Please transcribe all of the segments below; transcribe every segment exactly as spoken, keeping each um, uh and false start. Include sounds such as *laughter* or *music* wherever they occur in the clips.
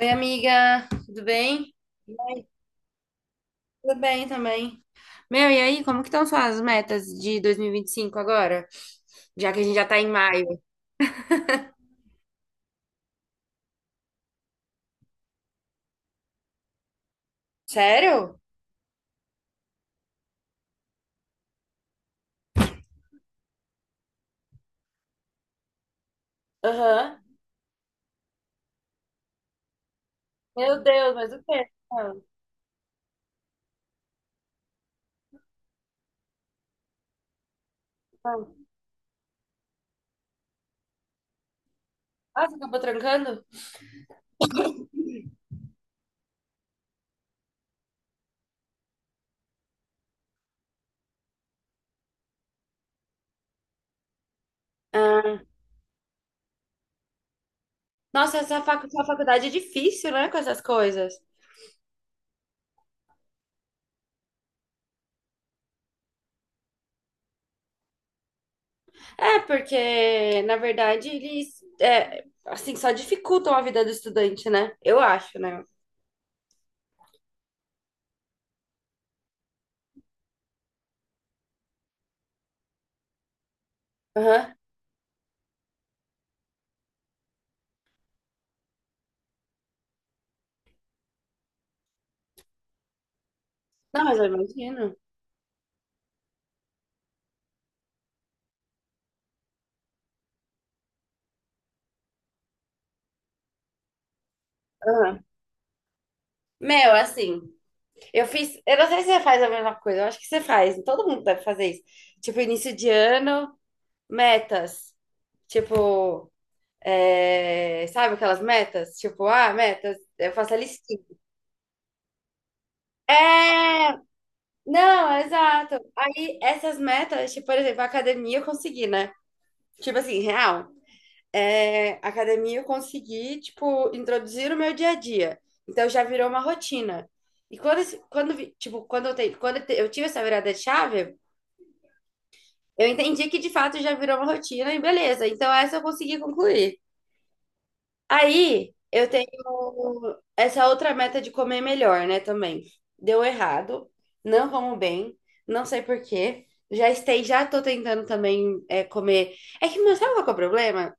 Oi, amiga, tudo bem? Tudo bem também. Meu, e aí, como que estão suas metas de dois mil e vinte e cinco agora? Já que a gente já tá em maio. Sério? Aham. Meu Deus, mas o quê? Ah, ah. Ah, você acabou trancando? Ah. Nossa, essa facu- essa faculdade é difícil, né, com essas coisas. É, porque, na verdade, eles, é, assim, só dificultam a vida do estudante, né? Eu acho, né? Aham. Não, mas eu imagino. Aham. Meu, assim. Eu fiz, eu não sei se você faz a mesma coisa, eu acho que você faz, todo mundo deve fazer isso. Tipo, início de ano, metas. Tipo, é, sabe aquelas metas? Tipo, ah, metas, eu faço a listinha. É, não, exato. Aí essas metas, tipo, por exemplo, a academia eu consegui, né? Tipo assim, real. É, a academia eu consegui, tipo, introduzir o meu dia a dia. Então já virou uma rotina. E quando, esse- quando, vi- tipo, quando eu, te, quando eu te- eu tive essa virada de chave, eu entendi que de fato já virou uma rotina e beleza. Então essa eu consegui concluir. Aí eu tenho essa outra meta de comer melhor, né, também. Deu errado, não como bem, não sei por quê. Já estei, já tô tentando também é, comer. É que, meu, sabe qual que é o problema?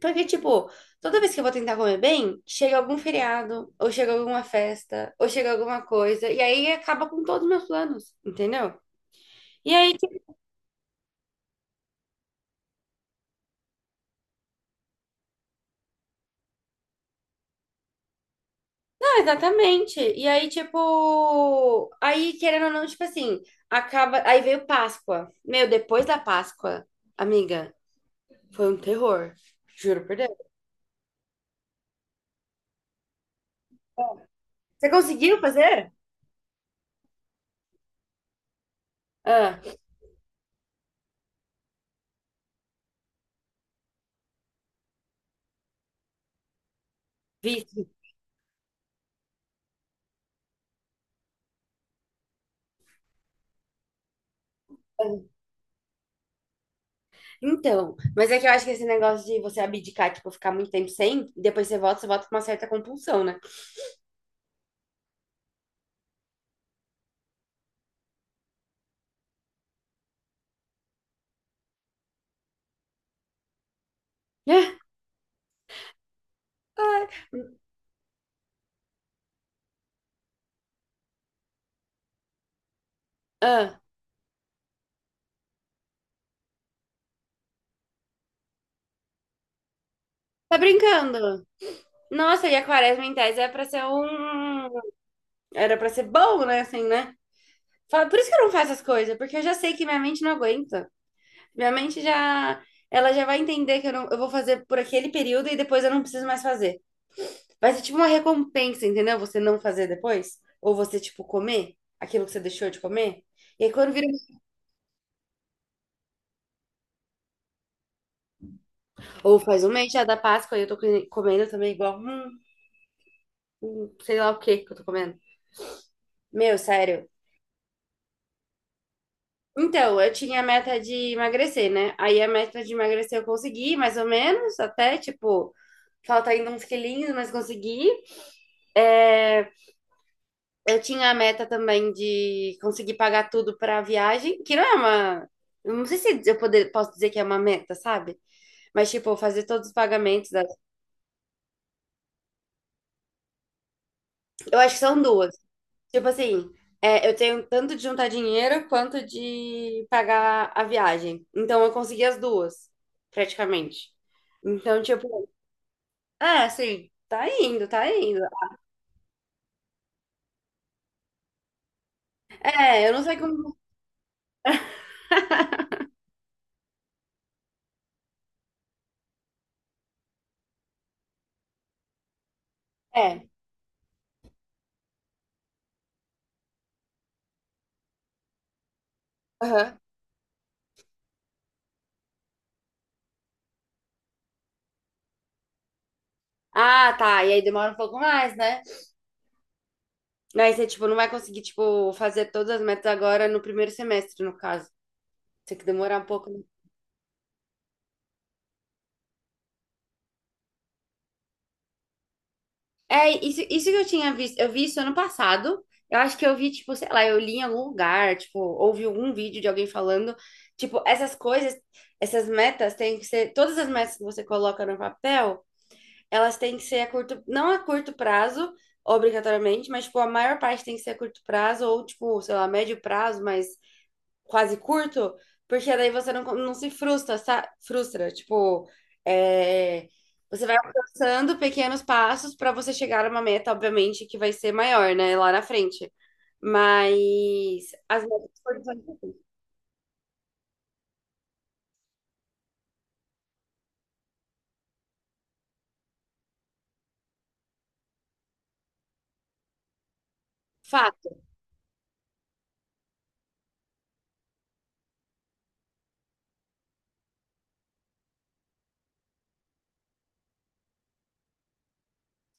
Porque, tipo, toda vez que eu vou tentar comer bem, chega algum feriado, ou chega alguma festa, ou chega alguma coisa, e aí acaba com todos os meus planos, entendeu? E aí exatamente. E aí, tipo, aí querendo ou não, tipo assim, acaba. Aí veio Páscoa. Meu, depois da Páscoa, amiga, foi um terror. Juro por Deus. Você conseguiu fazer? Ah, vi. Então, mas é que eu acho que esse negócio de você abdicar, tipo, ficar muito tempo sem, e depois você volta, você volta com uma certa compulsão, né? *laughs* Ah, ah, tá brincando? Nossa, e a quaresma em tese é pra ser um. Era pra ser bom, né? Assim, né? Fala, por isso que eu não faço as coisas, porque eu já sei que minha mente não aguenta. Minha mente já, ela já vai entender que eu não, eu vou fazer por aquele período e depois eu não preciso mais fazer. Vai ser tipo uma recompensa, entendeu? Você não fazer depois, ou você tipo comer aquilo que você deixou de comer. E aí quando vira, ou faz um mês já da Páscoa e eu tô co- comendo também igual, hum, hum, sei lá o que que eu tô comendo. Meu, sério, então, eu tinha a meta de emagrecer, né? Aí a meta de emagrecer eu consegui, mais ou menos, até, tipo, falta ainda uns quilinhos, mas consegui. É, eu tinha a meta também de conseguir pagar tudo pra viagem, que não é uma. Eu não sei se eu poder, posso dizer que é uma meta, sabe? Mas, tipo, fazer todos os pagamentos das- Eu acho que são duas. Tipo assim, é, eu tenho tanto de juntar dinheiro quanto de pagar a viagem. Então, eu consegui as duas, praticamente. Então, tipo. É, sim. Tá indo, tá indo. É, eu não sei como. É. Aham. Ah, tá. E aí demora um pouco mais, né? Aí você, tipo, não vai conseguir, tipo, fazer todas as metas agora no primeiro semestre, no caso. Tem que demorar um pouco, né? É, isso, isso que eu tinha visto. Eu vi isso ano passado. Eu acho que eu vi, tipo, sei lá, eu li em algum lugar, tipo, ouvi algum vídeo de alguém falando. Tipo, essas coisas, essas metas têm que ser. Todas as metas que você coloca no papel, elas têm que ser a curto, não a curto prazo, obrigatoriamente, mas tipo, a maior parte tem que ser a curto prazo, ou tipo, sei lá, médio prazo, mas quase curto, porque daí você não, não se frustra, sa- frustra, tipo, é, você vai alcançando pequenos passos para você chegar a uma meta, obviamente, que vai ser maior, né, lá na frente. Mas as metas foram fato.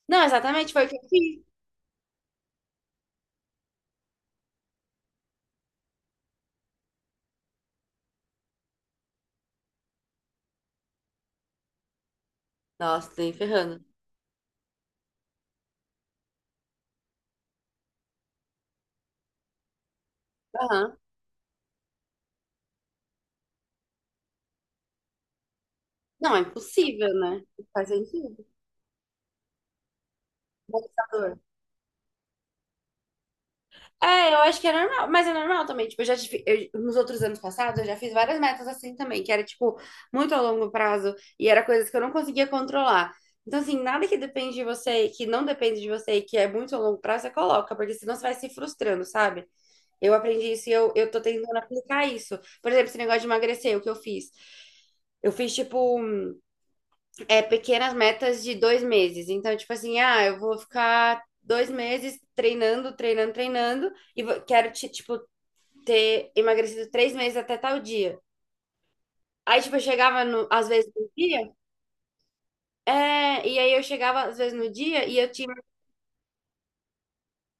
Não, exatamente, foi o que eu fiz. Nossa, tô nem ferrando. Aham. Não, é impossível, né? Não faz sentido. Mas é, eu acho que é normal, mas é normal também. Tipo, eu já tive, eu- nos outros anos passados, eu já fiz várias metas assim também, que era, tipo, muito a longo prazo e era coisas que eu não conseguia controlar. Então, assim, nada que depende de você, que não depende de você e que é muito a longo prazo, você coloca, porque senão você vai se frustrando, sabe? Eu aprendi isso e eu, eu tô tentando aplicar isso. Por exemplo, esse negócio de emagrecer, o que eu fiz? Eu fiz, tipo, é pequenas metas de dois meses. Então, tipo assim, ah, eu vou ficar dois meses treinando, treinando, treinando, e vou- quero, ti- tipo, ter emagrecido três meses até tal dia. Aí, tipo, eu chegava no, às vezes no dia, é, e aí eu chegava às vezes no dia e eu tinha.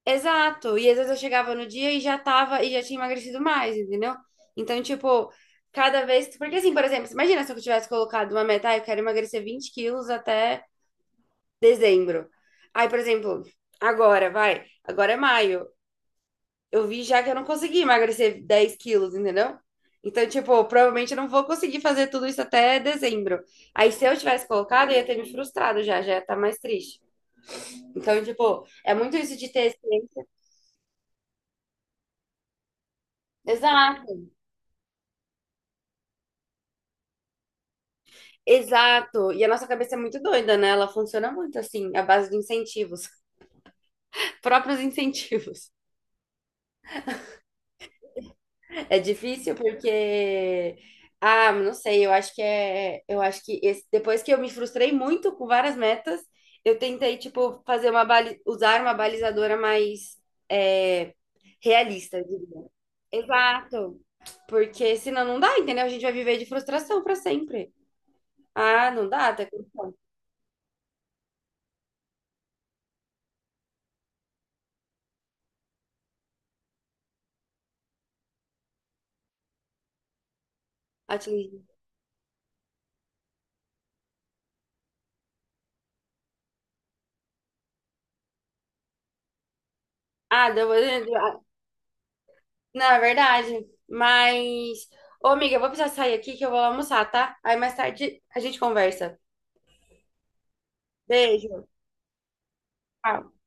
Exato. E às vezes eu chegava no dia e já tava, e já tinha emagrecido mais, entendeu? Então, tipo, cada vez. Porque assim, por exemplo, imagina se eu tivesse colocado uma meta, ah, eu quero emagrecer vinte quilos até dezembro. Aí, por exemplo, agora, vai, agora é maio. Eu vi já que eu não consegui emagrecer dez quilos, entendeu? Então, tipo, provavelmente eu não vou conseguir fazer tudo isso até dezembro. Aí, se eu tivesse colocado, eu ia ter me frustrado já, já ia estar mais triste. Então, tipo, é muito isso de ter ciência. Exato, exato. E a nossa cabeça é muito doida, né? Ela funciona muito assim, à base de incentivos, *laughs* próprios incentivos. É difícil porque ah, não sei, eu acho que é, eu acho que esse- depois que eu me frustrei muito com várias metas, eu tentei tipo fazer uma bali- usar uma balizadora mais é, realista, eu diria. Exato. Porque senão não dá, entendeu? A gente vai viver de frustração pra sempre. Ah, não dá, tá condição. Atingir. Ah, deu... ah, não, é verdade. Mas, ô amiga, eu vou precisar sair aqui que eu vou lá almoçar, tá? Aí mais tarde a gente conversa. Beijo. Ah,